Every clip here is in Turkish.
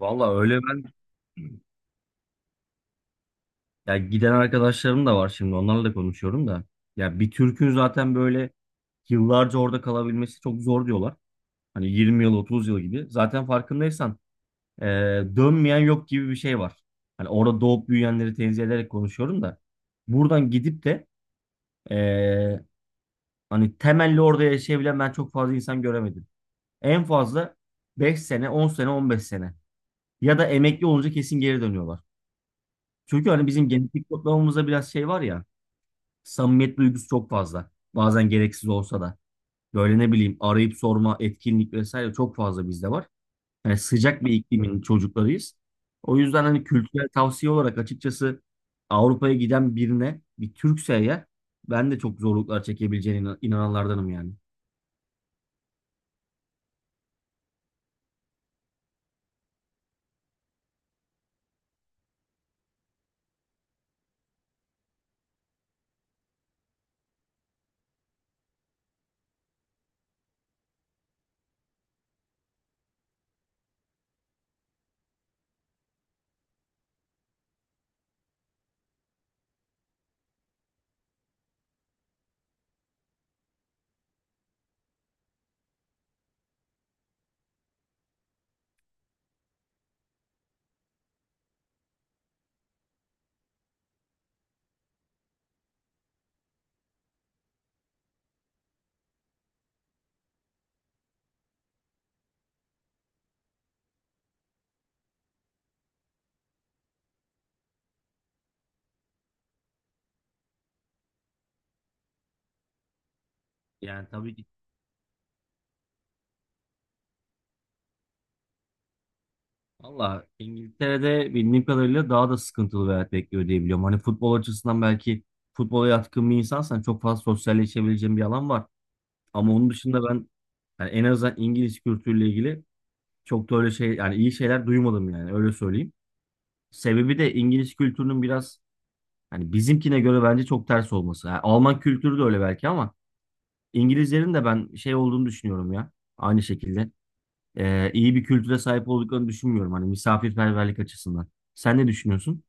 Valla öyle, ben ya giden arkadaşlarım da var, şimdi onlarla da konuşuyorum da. Ya bir Türk'ün zaten böyle yıllarca orada kalabilmesi çok zor diyorlar. Hani 20 yıl 30 yıl gibi. Zaten farkındaysan e, dönmeyen yok gibi bir şey var. Hani orada doğup büyüyenleri tenzih ederek konuşuyorum da. Buradan gidip de e, hani temelli orada yaşayabilen ben çok fazla insan göremedim. En fazla 5 sene, 10 sene, 15 sene. Ya da emekli olunca kesin geri dönüyorlar. Çünkü hani bizim genetik kodlamamızda biraz şey var ya. Samimiyet duygusu çok fazla. Bazen gereksiz olsa da. Böyle ne bileyim, arayıp sorma, etkinlik vesaire çok fazla bizde var. Yani sıcak bir iklimin çocuklarıyız. O yüzden hani kültürel tavsiye olarak, açıkçası Avrupa'ya giden birine, bir Türkse eğer, ben de çok zorluklar çekebileceğine inananlardanım yani. Yani tabii ki valla İngiltere'de bildiğim kadarıyla daha da sıkıntılı bir hayat bekliyor diye biliyorum. Hani futbol açısından belki futbola yatkın bir insansan çok fazla sosyalleşebileceğin bir alan var. Ama onun dışında ben, yani en azından İngiliz kültürüyle ilgili çok da öyle şey, yani iyi şeyler duymadım yani, öyle söyleyeyim. Sebebi de İngiliz kültürünün biraz hani bizimkine göre bence çok ters olması. Yani Alman kültürü de öyle belki ama İngilizlerin de ben şey olduğunu düşünüyorum ya. Aynı şekilde, iyi bir kültüre sahip olduklarını düşünmüyorum hani misafirperverlik açısından. Sen ne düşünüyorsun?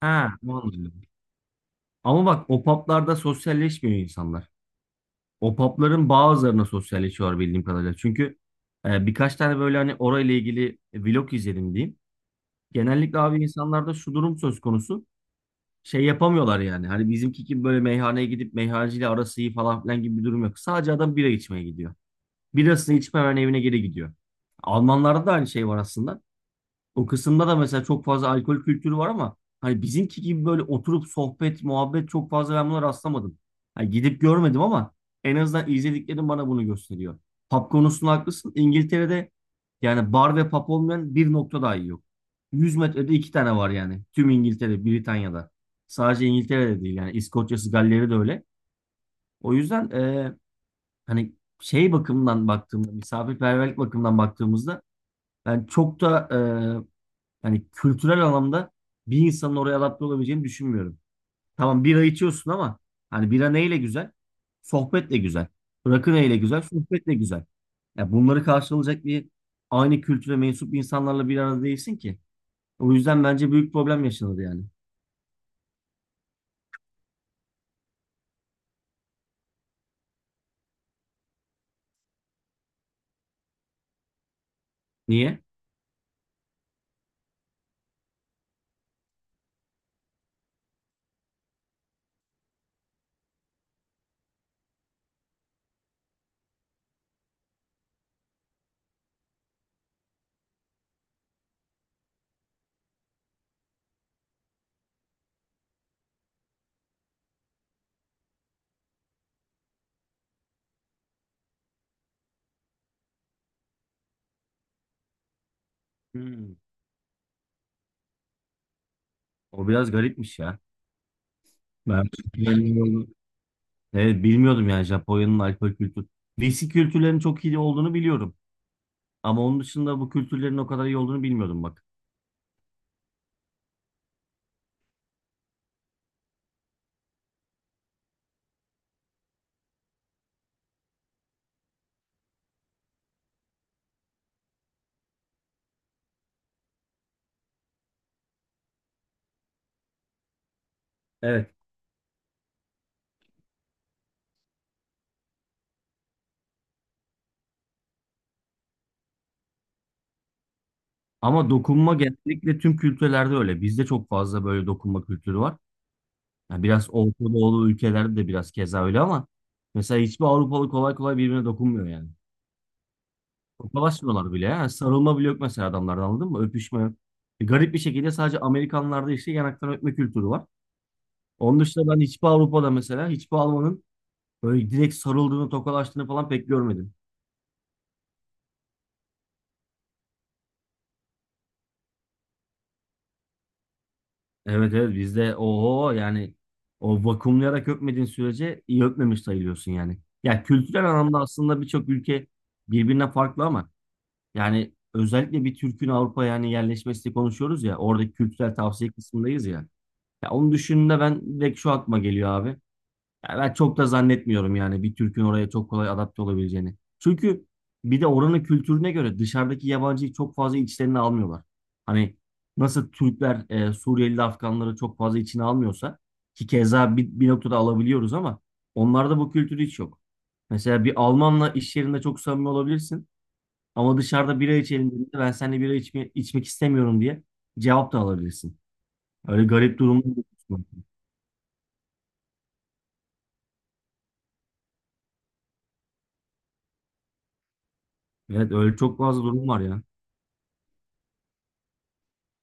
Ha, anladım. Ama bak, o publarda sosyalleşmiyor insanlar. O pubların bazılarına sosyalleşiyorlar bildiğim kadarıyla. Çünkü birkaç tane böyle hani orayla ilgili vlog izledim diyeyim. Genellikle abi insanlarda şu durum söz konusu. Şey yapamıyorlar yani. Hani bizimki gibi böyle meyhaneye gidip meyhaneciyle arası iyi falan filan gibi bir durum yok. Sadece adam bira içmeye gidiyor. Birasını içip hemen evine geri gidiyor. Almanlarda da aynı şey var aslında. O kısımda da mesela çok fazla alkol kültürü var ama hani bizimki gibi böyle oturup sohbet, muhabbet çok fazla ben buna rastlamadım. Hani gidip görmedim ama en azından izlediklerim bana bunu gösteriyor. Pub konusunda haklısın. İngiltere'de yani bar ve pub olmayan bir nokta dahi yok. 100 metrede 2 tane var yani. Tüm İngiltere, Britanya'da. Sadece İngiltere'de değil yani, İskoçya'sı, Galler'i de öyle. O yüzden hani şey bakımından baktığımda, misafirperverlik bakımından baktığımızda ben çok da, hani kültürel anlamda bir insanın oraya adapte olabileceğini düşünmüyorum. Tamam bira içiyorsun ama hani bira neyle güzel? Sohbetle güzel. Rakı neyle güzel? Sohbetle güzel. Ya bunları karşılayacak bir aynı kültüre mensup insanlarla bir arada değilsin ki. O yüzden bence büyük problem yaşanır yani. Niye? Hmm. O biraz garipmiş ya. Ben bilmiyordum. Evet bilmiyordum yani, Japonya'nın alkol kültürü. Viski kültürlerinin çok iyi olduğunu biliyorum. Ama onun dışında bu kültürlerin o kadar iyi olduğunu bilmiyordum bak. Evet. Ama dokunma genellikle tüm kültürlerde öyle. Bizde çok fazla böyle dokunma kültürü var. Yani biraz Orta Doğulu ülkelerde de biraz keza öyle ama mesela hiçbir Avrupalı kolay kolay birbirine dokunmuyor yani. Tokalaşmıyorlar bile, ya. Yani sarılma bile yok mesela adamlarda, anladın mı? Öpüşme yok. Garip bir şekilde sadece Amerikanlarda işte yanaktan öpme kültürü var. Onun dışında ben hiçbir Avrupa'da, mesela hiçbir Alman'ın böyle direkt sarıldığını, tokalaştığını falan pek görmedim. Evet evet, bizde oho yani, o vakumlayarak öpmediğin sürece iyi öpmemiş sayılıyorsun yani. Ya kültürel anlamda aslında birçok ülke birbirine farklı ama yani özellikle bir Türk'ün Avrupa'ya yani yerleşmesini konuşuyoruz ya, oradaki kültürel tavsiye kısmındayız ya. Ya onu düşündüğümde ben direkt şu aklıma geliyor abi. Ya ben çok da zannetmiyorum yani bir Türk'ün oraya çok kolay adapte olabileceğini. Çünkü bir de oranın kültürüne göre dışarıdaki yabancıyı çok fazla içlerine almıyorlar. Hani nasıl Türkler Suriyeli Afganları çok fazla içine almıyorsa, ki keza bir noktada alabiliyoruz ama onlarda bu kültür hiç yok. Mesela bir Almanla iş yerinde çok samimi olabilirsin ama dışarıda bira içelim dediğinde, ben seninle bira içme, içmek istemiyorum diye cevap da alabilirsin. Öyle garip durumlar. Evet, öyle çok fazla durum var ya.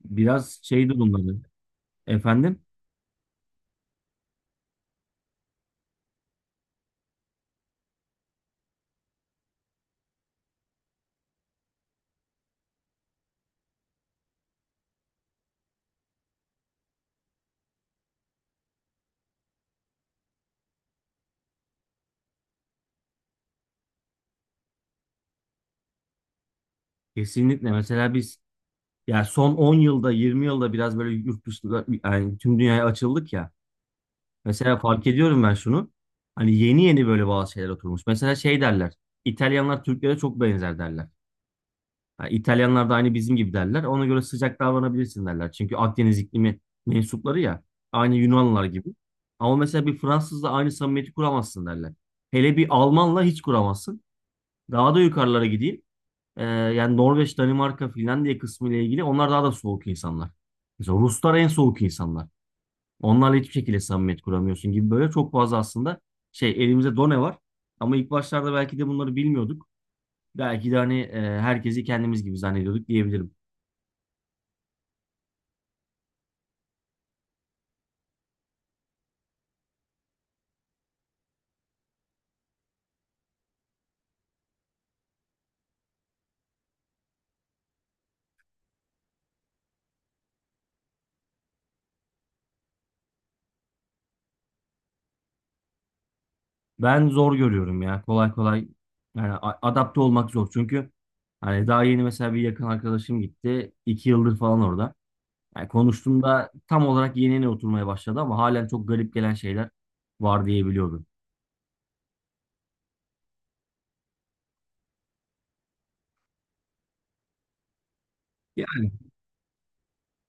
Biraz şey durumları. Efendim? Kesinlikle. Mesela biz ya son 10 yılda 20 yılda biraz böyle yurt dışında yani tüm dünyaya açıldık ya. Mesela fark ediyorum ben şunu. Hani yeni yeni böyle bazı şeyler oturmuş. Mesela şey derler. İtalyanlar Türklere çok benzer derler. Ha, İtalyanlar da aynı bizim gibi derler. Ona göre sıcak davranabilirsin derler. Çünkü Akdeniz iklimi mensupları ya. Aynı Yunanlılar gibi. Ama mesela bir Fransızla aynı samimiyeti kuramazsın derler. Hele bir Almanla hiç kuramazsın. Daha da yukarılara gideyim. Yani Norveç, Danimarka, Finlandiya kısmı ile ilgili onlar daha da soğuk insanlar. Mesela Ruslar en soğuk insanlar. Onlarla hiçbir şekilde samimiyet kuramıyorsun gibi, böyle çok fazla aslında şey, elimizde done var. Ama ilk başlarda belki de bunları bilmiyorduk. Belki de hani herkesi kendimiz gibi zannediyorduk diyebilirim. Ben zor görüyorum ya. Kolay kolay yani adapte olmak zor. Çünkü hani daha yeni mesela bir yakın arkadaşım gitti, 2 yıldır falan orada. Yani konuştuğumda tam olarak yenine oturmaya başladı ama halen çok garip gelen şeyler var diyebiliyordum. Yani,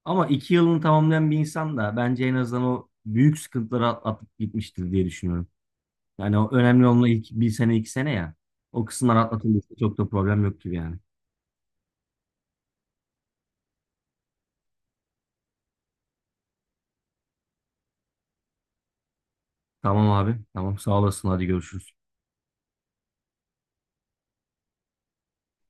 ama 2 yılını tamamlayan bir insan da bence en azından o büyük sıkıntıları atıp gitmiştir diye düşünüyorum. Yani o önemli olan ilk bir sene 2 sene ya. O kısımlar atlatılırsa çok da problem yok gibi yani. Tamam abi. Tamam sağ olasın. Hadi görüşürüz.